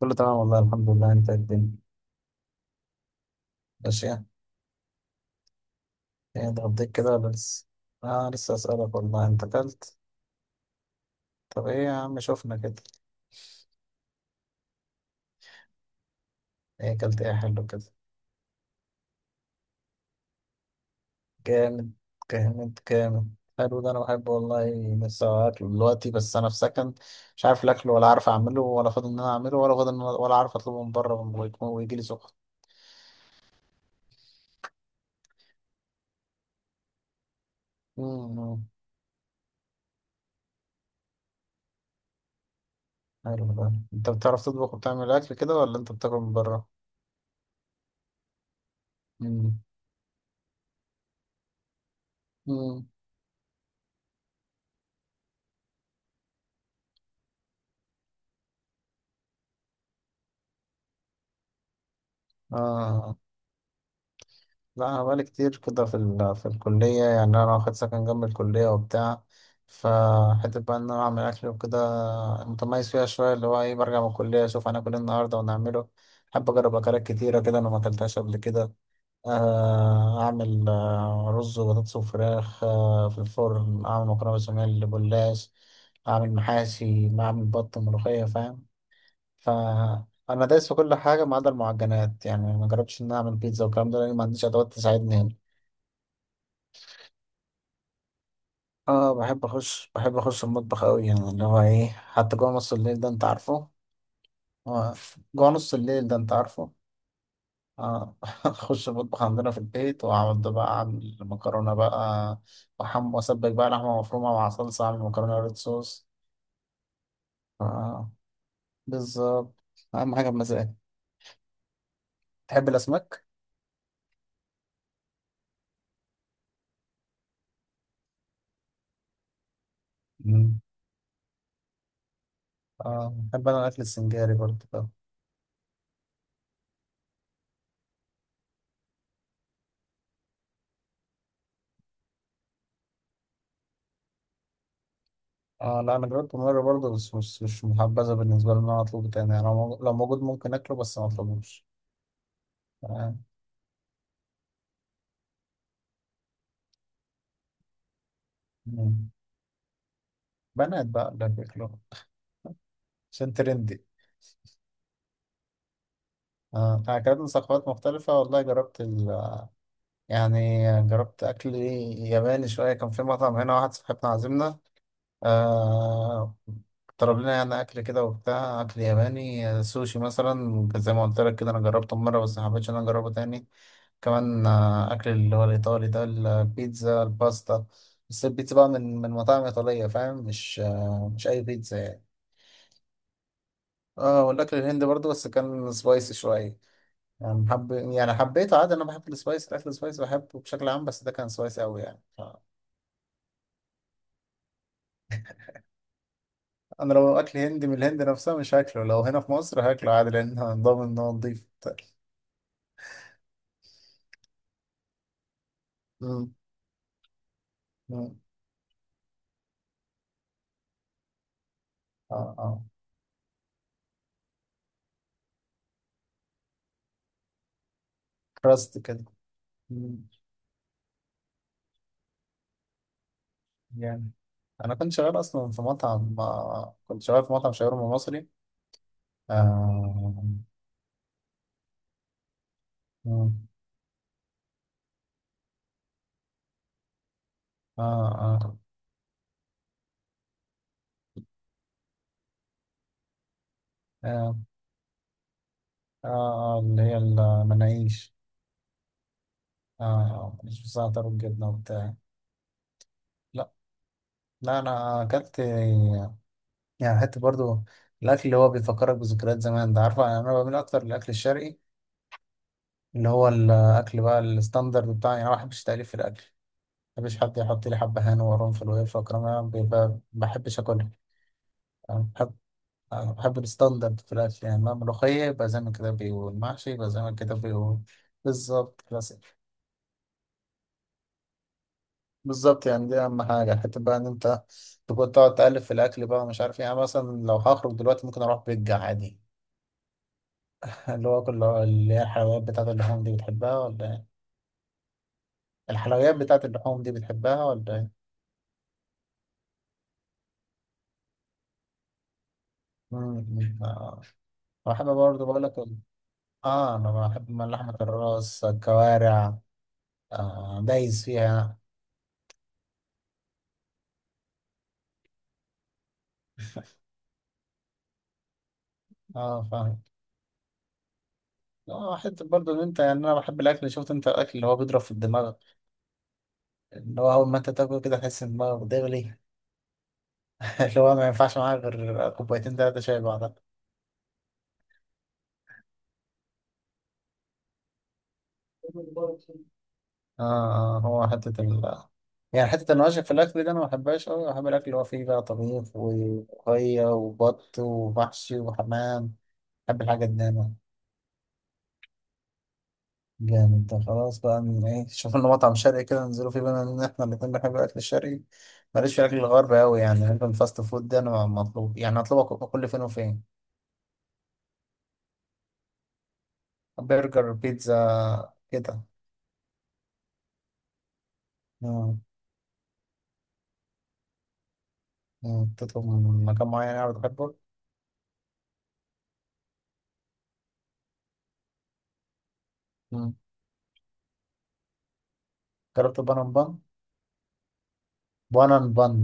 كله تمام والله الحمد لله. انت الدنيا ماشية؟ ايه، اتغديت كده ولا لسه؟ اه لسه، اسألك والله، انت اكلت؟ طب ايه يا عم، شوفنا كده. ايه اكلت ايه حلو كده؟ جامد جامد جامد، حلو ده انا بحبه والله. لسه اكله دلوقتي بس انا في سكن، مش عارف الاكل ولا عارف اعمله ولا فاضي ان انا اعمله ولا فاضي ولا عارف اطلبه من بره ويجي لي سخن. امم حلو ده. انت بتعرف تطبخ وبتعمل اكل كده ولا انت بتاكل من بره؟ امم امم اه لا، أنا بقالي كتير كده في في الكلية، يعني أنا واخد سكن جنب الكلية وبتاع. فحتة بقى إن أنا أعمل أكل وكده متميز فيها شوية، اللي هو إيه، برجع من الكلية أشوف هناكل إيه النهاردة ونعمله. أحب أجرب أكلات كتيرة كده أنا ما أكلتهاش قبل كده. أعمل رز وبطاطس وفراخ في الفرن، أعمل مكرونة بشاميل، بلاش أعمل محاشي، أعمل بط، ملوخية، فاهم. ف انا دايس في كل حاجه ما عدا المعجنات، يعني ما جربتش ان أنا اعمل بيتزا والكلام ده لان ما عنديش ادوات تساعدني هنا. اه بحب اخش، بحب اخش المطبخ قوي، يعني اللي هو ايه حتى جوه نص الليل ده انت عارفه. آه، جوه نص الليل ده انت عارفه اه اخش المطبخ عندنا في البيت واقعد بقى اعمل مكرونه بقى، وحم واسبك بقى لحمه مفرومه مع صلصه، اعمل مكرونه ريد صوص. اه بالظبط، اهم حاجه بمزاج. تحب الاسماك؟ مم. اه بحب انا الاكل السنجاري برضه ده. اه لا، انا جربته مره برضه بس مش مش محبذه بالنسبه لي ان انا اطلبه تاني، يعني لو موجود لو موجود ممكن اكله بس ما اطلبوش. مم. بنات بقى اللي بياكلوها عشان ترندي. أكلات من ثقافات مختلفة والله، جربت يعني جربت أكل ياباني شوية، كان في مطعم هنا واحد صاحبنا عازمنا. آه، طلب لنا يعني أكل كده وبتاع، أكل ياباني، سوشي مثلا زي ما قلت لك كده، أنا جربته مرة بس محبتش إن أنا أجربه تاني. كمان أكل اللي هو الإيطالي ده، البيتزا الباستا، بس البيتزا بقى من مطاعم إيطالية فاهم، مش مش أي بيتزا يعني. اه والاكل الهندي برضه بس كان سبايسي شويه، يعني حب يعني حبيته عادي، انا بحب السبايسي، الاكل السبايسي بحبه بشكل عام، بس ده كان سبايسي قوي يعني انا لو اكل هندي من الهند نفسها مش هاكله، لو هنا في مصر هاكله عادي لان أنا ضامن ان هو نضيف وبتاع. مم. مم. اه اه كراست كده. مم. يعني انا كنت شغال اصلا في مطعم، كنت شغال في مطعم شاورما مصري. آه. مم. اه اه. اه، آه، آه اللي هي المناقيش. اه آه، مش بس بتاع الجبنه وبتاع. لا لا انا اكلت، يعني حته برضو الاكل اللي هو بيفكرك بذكريات زمان ده عارفه. انا بميل اكتر للاكل الشرقي اللي هو الاكل بقى الستاندرد بتاعي، يعني انا ما بحبش تأليف في الاكل. ما بحبش حد يحط لي حبه هان وقرنفل وقرفه والكلام ده، بيبقى ما بحبش اكلها. أنا بحب، أنا بحب الستاندرد في الاكل، يعني ما ملوخيه يبقى زي ما كده بيقول، محشي يبقى زي ما كده بيقول. بالظبط كلاسيك. بالظبط، يعني دي اهم حاجه. حته بقى ان انت تقعد تألف في الاكل بقى ومش عارف ايه، يعني مثلا لو هخرج دلوقتي ممكن اروح بيتزا عادي. اللي هو كل، اللي هي الحلويات بتاعت اللحوم دي بتحبها ولا ايه؟ الحلويات بتاعت اللحوم دي بتحبها ولا ايه؟ مم. آه. بحب برضه، بقول لك اه انا بحب من لحمة الراس الكوارع. آه دايس فيها. اه فاهم. اه حتة برضه ان انت يعني انا بحب الاكل، شفت انت الاكل اللي هو بيضرب في الدماغ، اللي هو اول ما انت تاكل كده تحس ان دماغك بتغلي. اللي هو ما ينفعش معاك غير كوبايتين تلاتة شاي بعدها. اه آه، هو حتة ال، يعني حتة النواشف في الأكل ده أنا ما بحبهاش أوي. بحب الأكل اللي هو فيه بقى طبيخ وخية وبط ومحشي وحمام. بحب الحاجة دي أنا. جامد ده. خلاص بقى من إيه، شوف لنا مطعم شرقي كده ننزلوا فيه، بما إن إحنا الاتنين بنحب الأكل الشرقي. ماليش في الأكل الغربي أوي، يعني بحب الفاست فود ده أنا، مطلوب يعني أطلبه كل فين وفين. برجر بيتزا كده. آه. آه، تطلب من مكان معين يعني بتحبه. مم. جربت البانن بان؟ بانن بان،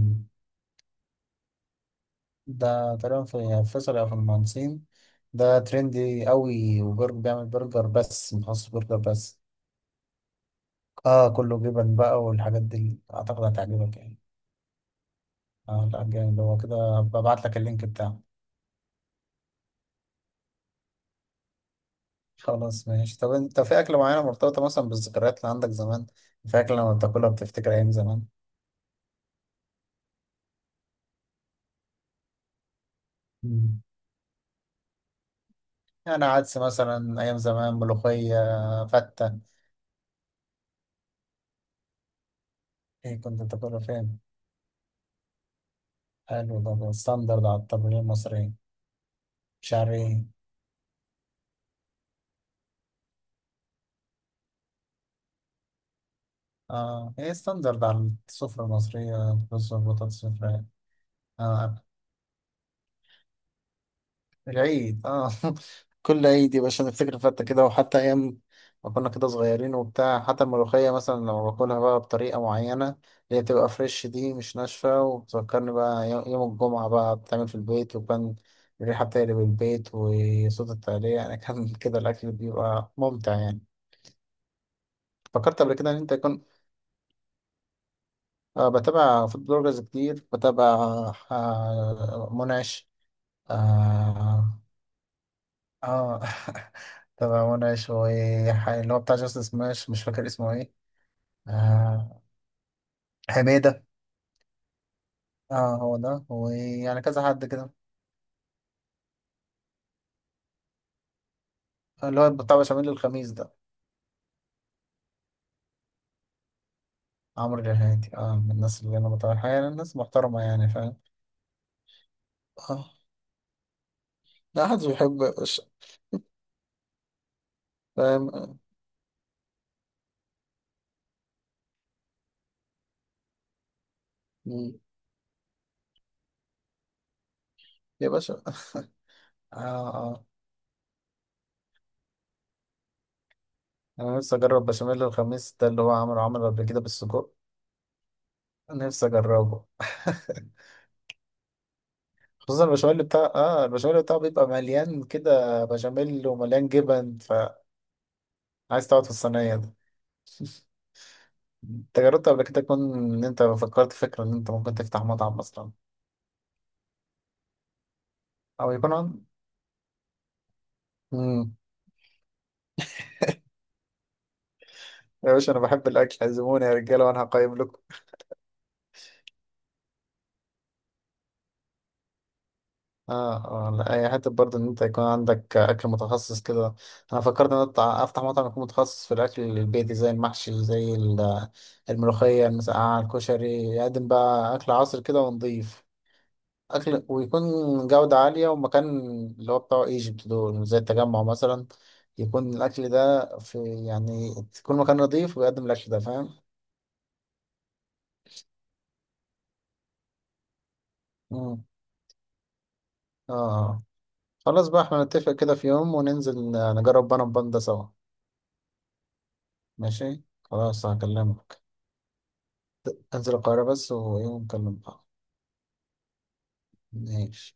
ده تقريبا في فيصل أو في المهندسين. ده ترندي قوي، وبرجر بيعمل برجر بس، مخصص برجر بس. اه كله جبن بقى والحاجات دي، اعتقد هتعجبك يعني. اه لا جامد، هو كده ببعت لك اللينك بتاعه. خلاص ماشي. طب انت في اكلة معينة مرتبطة مثلا بالذكريات اللي عندك زمان؟ في اكلة لما بتاكلها بتفتكر ايام زمان؟ مم. يعني عدس مثلا ايام زمان، ملوخية، فتة. ايه كنت بتاكلها فين؟ حلو ده، ده ستاندرد على الطبيعة المصرية. شعري. اه هي ستاندرد على السفرة المصرية، رز وبطاطس وفراخ. آه العيد. اه كل عيد يا باشا نفتكر فتة كده، وحتى أيام ما كنا كده صغيرين وبتاع. حتى الملوخية مثلا لو باكلها بقى بطريقة معينة اللي هي بتبقى فريش دي مش ناشفة، وبتفكرني بقى يوم الجمعة بقى بتعمل في البيت، وكان الريحة بتقلب البيت وصوت التقلية يعني. كان كده الأكل بيبقى ممتع يعني. فكرت قبل كده إن أنت يكون، آه بتابع فود بلوجرز كتير، بتابع آه منعش. اه. اه تبع منى شوية، اللي هو بتاع جاستس سماش مش فاكر اسمه ايه. آه. حميدة. اه هو ده، ويعني كذا حد كده، اللي هو بتاع بشاميل الخميس ده. عمرو الرهادي، اه من الناس اللي انا بتابعها، يعني الناس محترمة يعني فاهم. اه لا حد بيحب يا باشا. فاهم. آه. مم. يا باشا. اه اه. انا نفسي اجرب بشاميل الخميس ده، اللي هو عمله عمله قبل كده بالسجق. نفسي اجربه. خصوصا البشاميل بتاع، اه البشاميل بتاعه بيبقى مليان كده بشاميل ومليان جبن، فعايز تقعد في الصينية ده. انت جربت قبل كده تكون ان انت فكرت فكرة ان انت ممكن تفتح مطعم مثلا، او يكون عن. مم. يا باشا انا بحب الاكل، عزموني يا رجالة وانا هقيم لكم. اه اه لا، هي حتة برضه ان انت يكون عندك اكل متخصص كده. انا فكرت ان أنا افتح مطعم يكون متخصص في الاكل البيتي، زي المحشي زي الملوخية، المسقعة، الكشري، يقدم بقى اكل عصر كده ونضيف. أكل ويكون جودة عالية ومكان اللي هو بتاع ايجيبت دول زي التجمع مثلا، يكون الأكل ده في، يعني يكون مكان نظيف ويقدم الأكل ده فاهم؟ مم. اه آه. خلاص بقى احنا نتفق كده في يوم وننزل نجرب بنا بان ده سوا. ماشي؟ خلاص هكلمك. انزل القاهرة بس ويوم نكلم بعض. ماشي